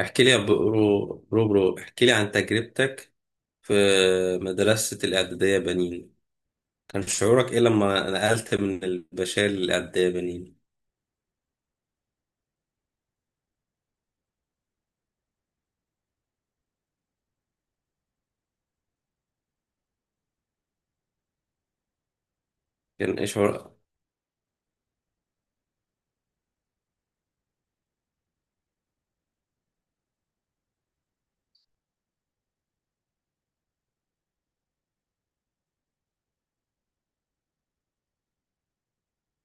احكي لي يا برو برو برو احكي لي عن تجربتك في مدرسة الإعدادية بنين. كان شعورك إيه لما نقلت من البشال للإعدادية بنين؟ كان إيه شعورك؟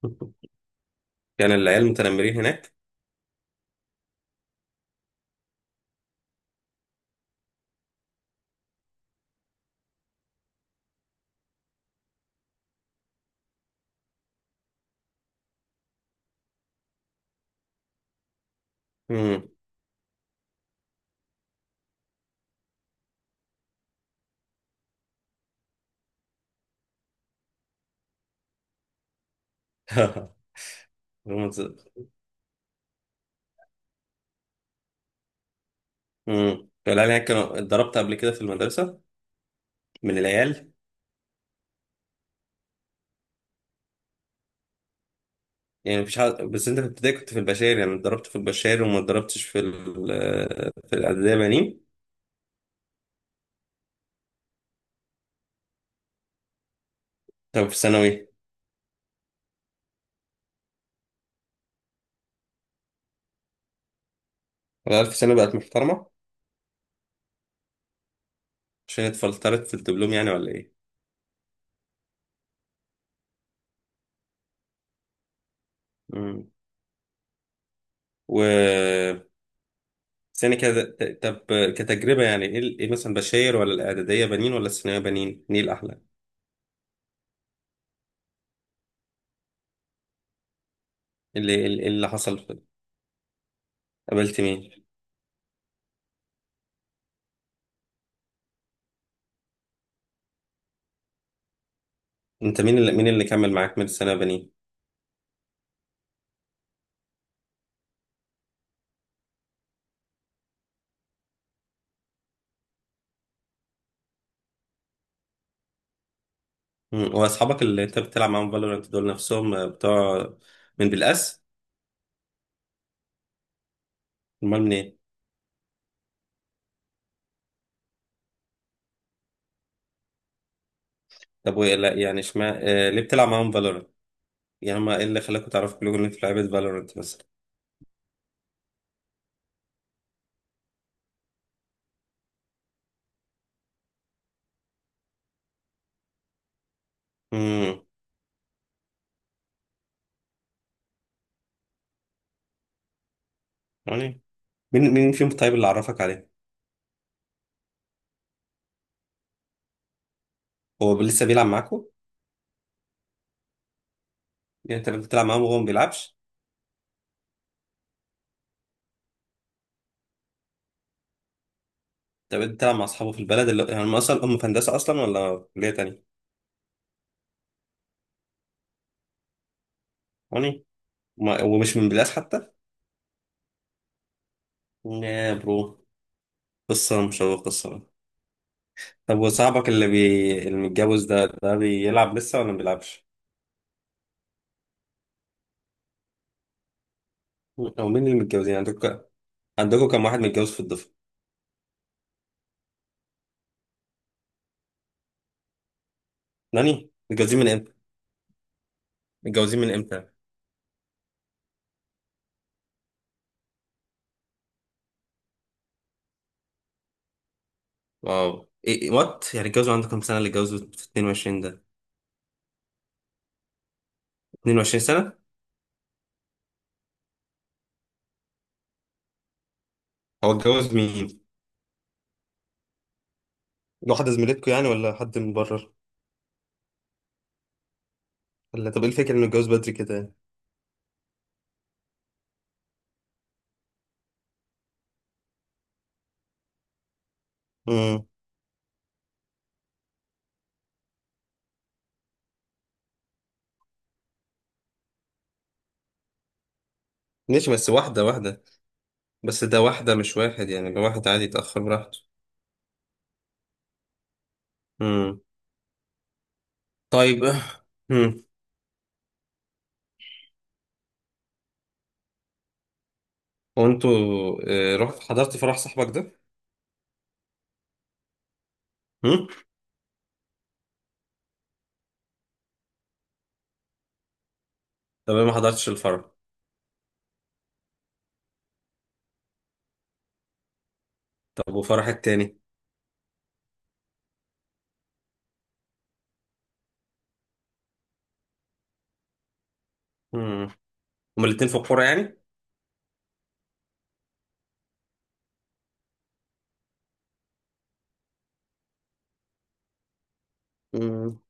كان العيال متنمرين هناك؟ امم امم العيال هناك كانوا اتضربت قبل كده في المدرسة من العيال؟ يعني مفيش حد، بس أنت في ابتدائي كنت في البشال، يعني اتضربت في البشال وما اتضربتش في في الإعدادية بنين. طب في ثانوي؟ العيال في ثانوي بقت محترمة عشان اتفلترت في الدبلوم يعني ولا إيه؟ مم. و بس يعني كده طب، كتجربة يعني إيه مثلا، بشاير ولا الإعدادية بنين ولا الثانوية بنين؟ مين الأحلى؟ إيه اللي حصل؟ قابلت مين؟ أنت مين اللي كمل معاك من الثانوية بنين؟ مم. وأصحابك اللي أنت بتلعب معاهم فالورانت دول نفسهم، بتوع من بالأس؟ أمال من إيه؟ طب وإيه لا يعني اشمعنى، ليه بتلعب معاهم فالورانت؟ يعني هما إيه اللي خلاكوا تعرفوا كلكم إن أنتوا لعيبة فالورانت مثلا؟ مم. يعني مين مين فيهم طيب اللي عرفك عليه؟ هو لسه بيلعب معاكوا؟ يعني أنت بتلعب معاهم وهو ما بيلعبش؟ طب انت بتلعب مع اصحابه في البلد، اللي هم في هندسه اصلا ولا في كليه تانية؟ هوني، ومش من بلاس حتى؟ يا برو، قصه مشوقه الصراحه. طب وصاحبك اللي اللي متجوز ده بيلعب لسه ولا ما بيلعبش؟ او مين اللي متجوزين عندكم؟ عندكم كم واحد متجوز في الدفعه؟ ناني، متجوزين من امتى؟ متجوزين من امتى؟ واو، ايه وات، يعني اتجوزوا عندكم كام سنه اللي اتجوزوا في 22 ده؟ 22 سنه؟ هو اتجوز مين؟ واحدة زميلتكم يعني ولا حد من بره؟ ولا طب ايه الفكرة انه اتجوز بدري كده؟ يعني؟ ماشي، بس واحدة واحدة. بس ده واحدة مش واحد، يعني ده واحد عادي يتأخر براحته. امم طيب. امم وانتوا، رحت حضرت فرح صاحبك ده؟ امم طب أنا ما حضرتش الفرح. طب وفرح التاني؟ امم هما الاتنين في القرى يعني؟ امم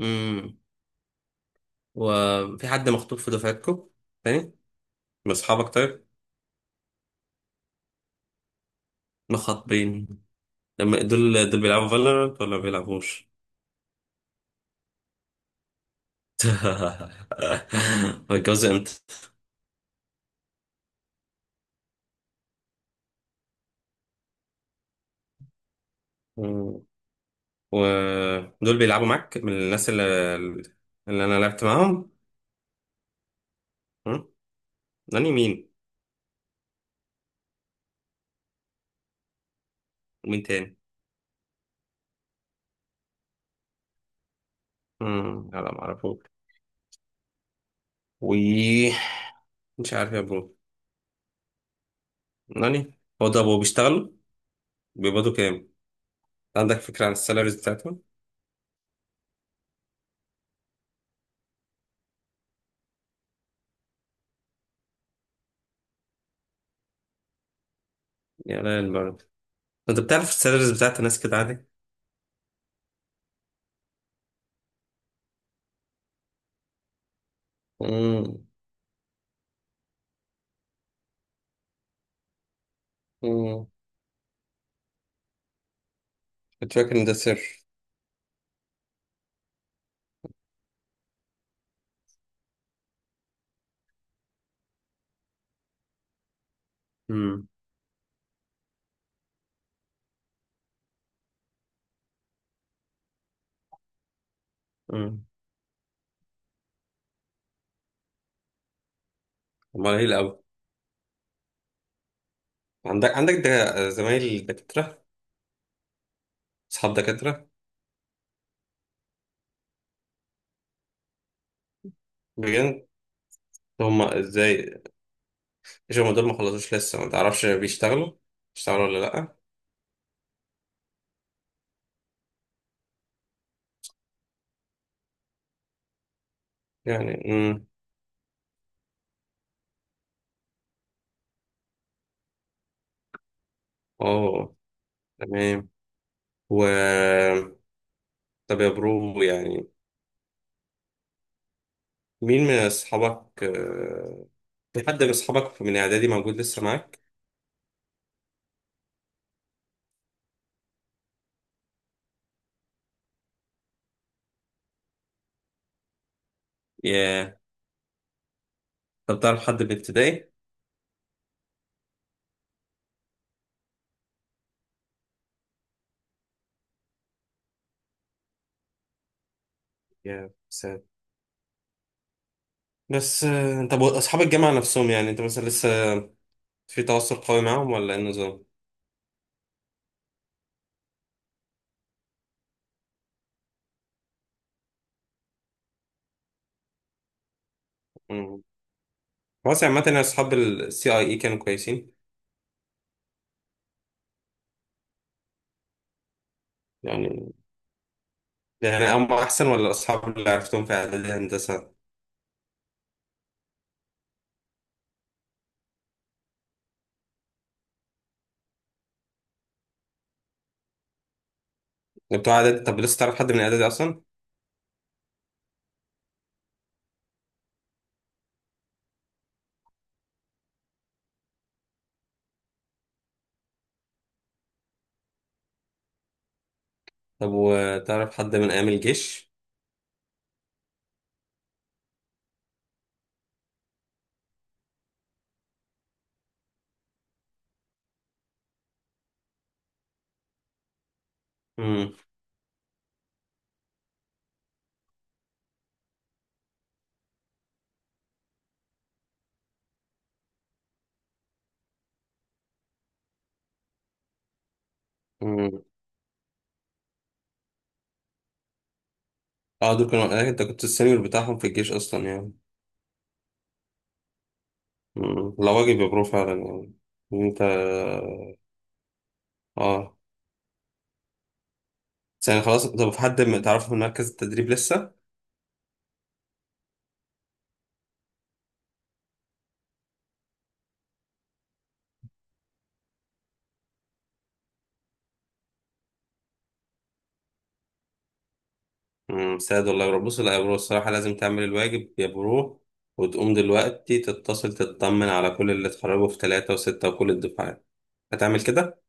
امم وفي حد مخطوب في دفعتكم تاني؟ من أصحابك طيب؟ مخاطبين، لما دول بيلعبوا فالورانت ولا ما بيلعبوش؟ هيتجوزوا امتى؟ ودول بيلعبوا معاك من الناس اللي انا لعبت معاهم. م؟ ناني مين؟ ومين تاني؟ مم. لا، ما اعرفوش. و مش عارف يا برو. ناني، هو ده ابو بيشتغلوا؟ بيقبضوا كام؟ عندك فكرة عن السالاريز بتاعتهم؟ يا لا البرد! انت بتعرف السالاريز بتاعت الناس كده عادي؟ مم. مم. كنت فاكر ان ده سر. مم. مم. امال ايه الاول؟ عندك ده زمايل دكاترة؟ اصحاب دكاترة؟ بجد؟ هم ازاي؟ مش هم دول ما خلصوش لسه، ما تعرفش بيشتغلوا ولا لأ؟ يعني، اه، تمام. و طب يا برو، يعني مين من أصحابك آه، في حد من أصحابك من إعدادي موجود لسه معاك؟ ياه. طب تعرف حد من ابتدائي؟ ياه، ساد. بس، طب أصحاب الجامعة نفسهم، يعني أنت مثلا لسه في تواصل قوي معاهم ولا إيه النظام؟ مم. خلاص، عامة يعني أصحاب السي أي إي كانوا كويسين. يعني، يعني هم أحسن ولا الأصحاب اللي عرفتهم في إعدادي هندسة؟ ده بتوع اعدادي، طب لسه تعرف حد من اعدادي اصلا؟ طب وتعرف حد من ايام الجيش؟ امم امم اه، دول كانوا آه، انت كنت السينيور بتاعهم في الجيش اصلا يعني؟ لا، واجب يا برو فعلا يعني، إن انت. اه. بس يعني خلاص، طب في حد ما تعرفه من مركز التدريب لسه؟ سعد والله يا برو. بص، لا يا برو الصراحه لازم تعمل الواجب يا برو، وتقوم دلوقتي تتصل تطمن على كل اللي اتخرجوا في ثلاثة وستة وكل الدفعات. هتعمل كده؟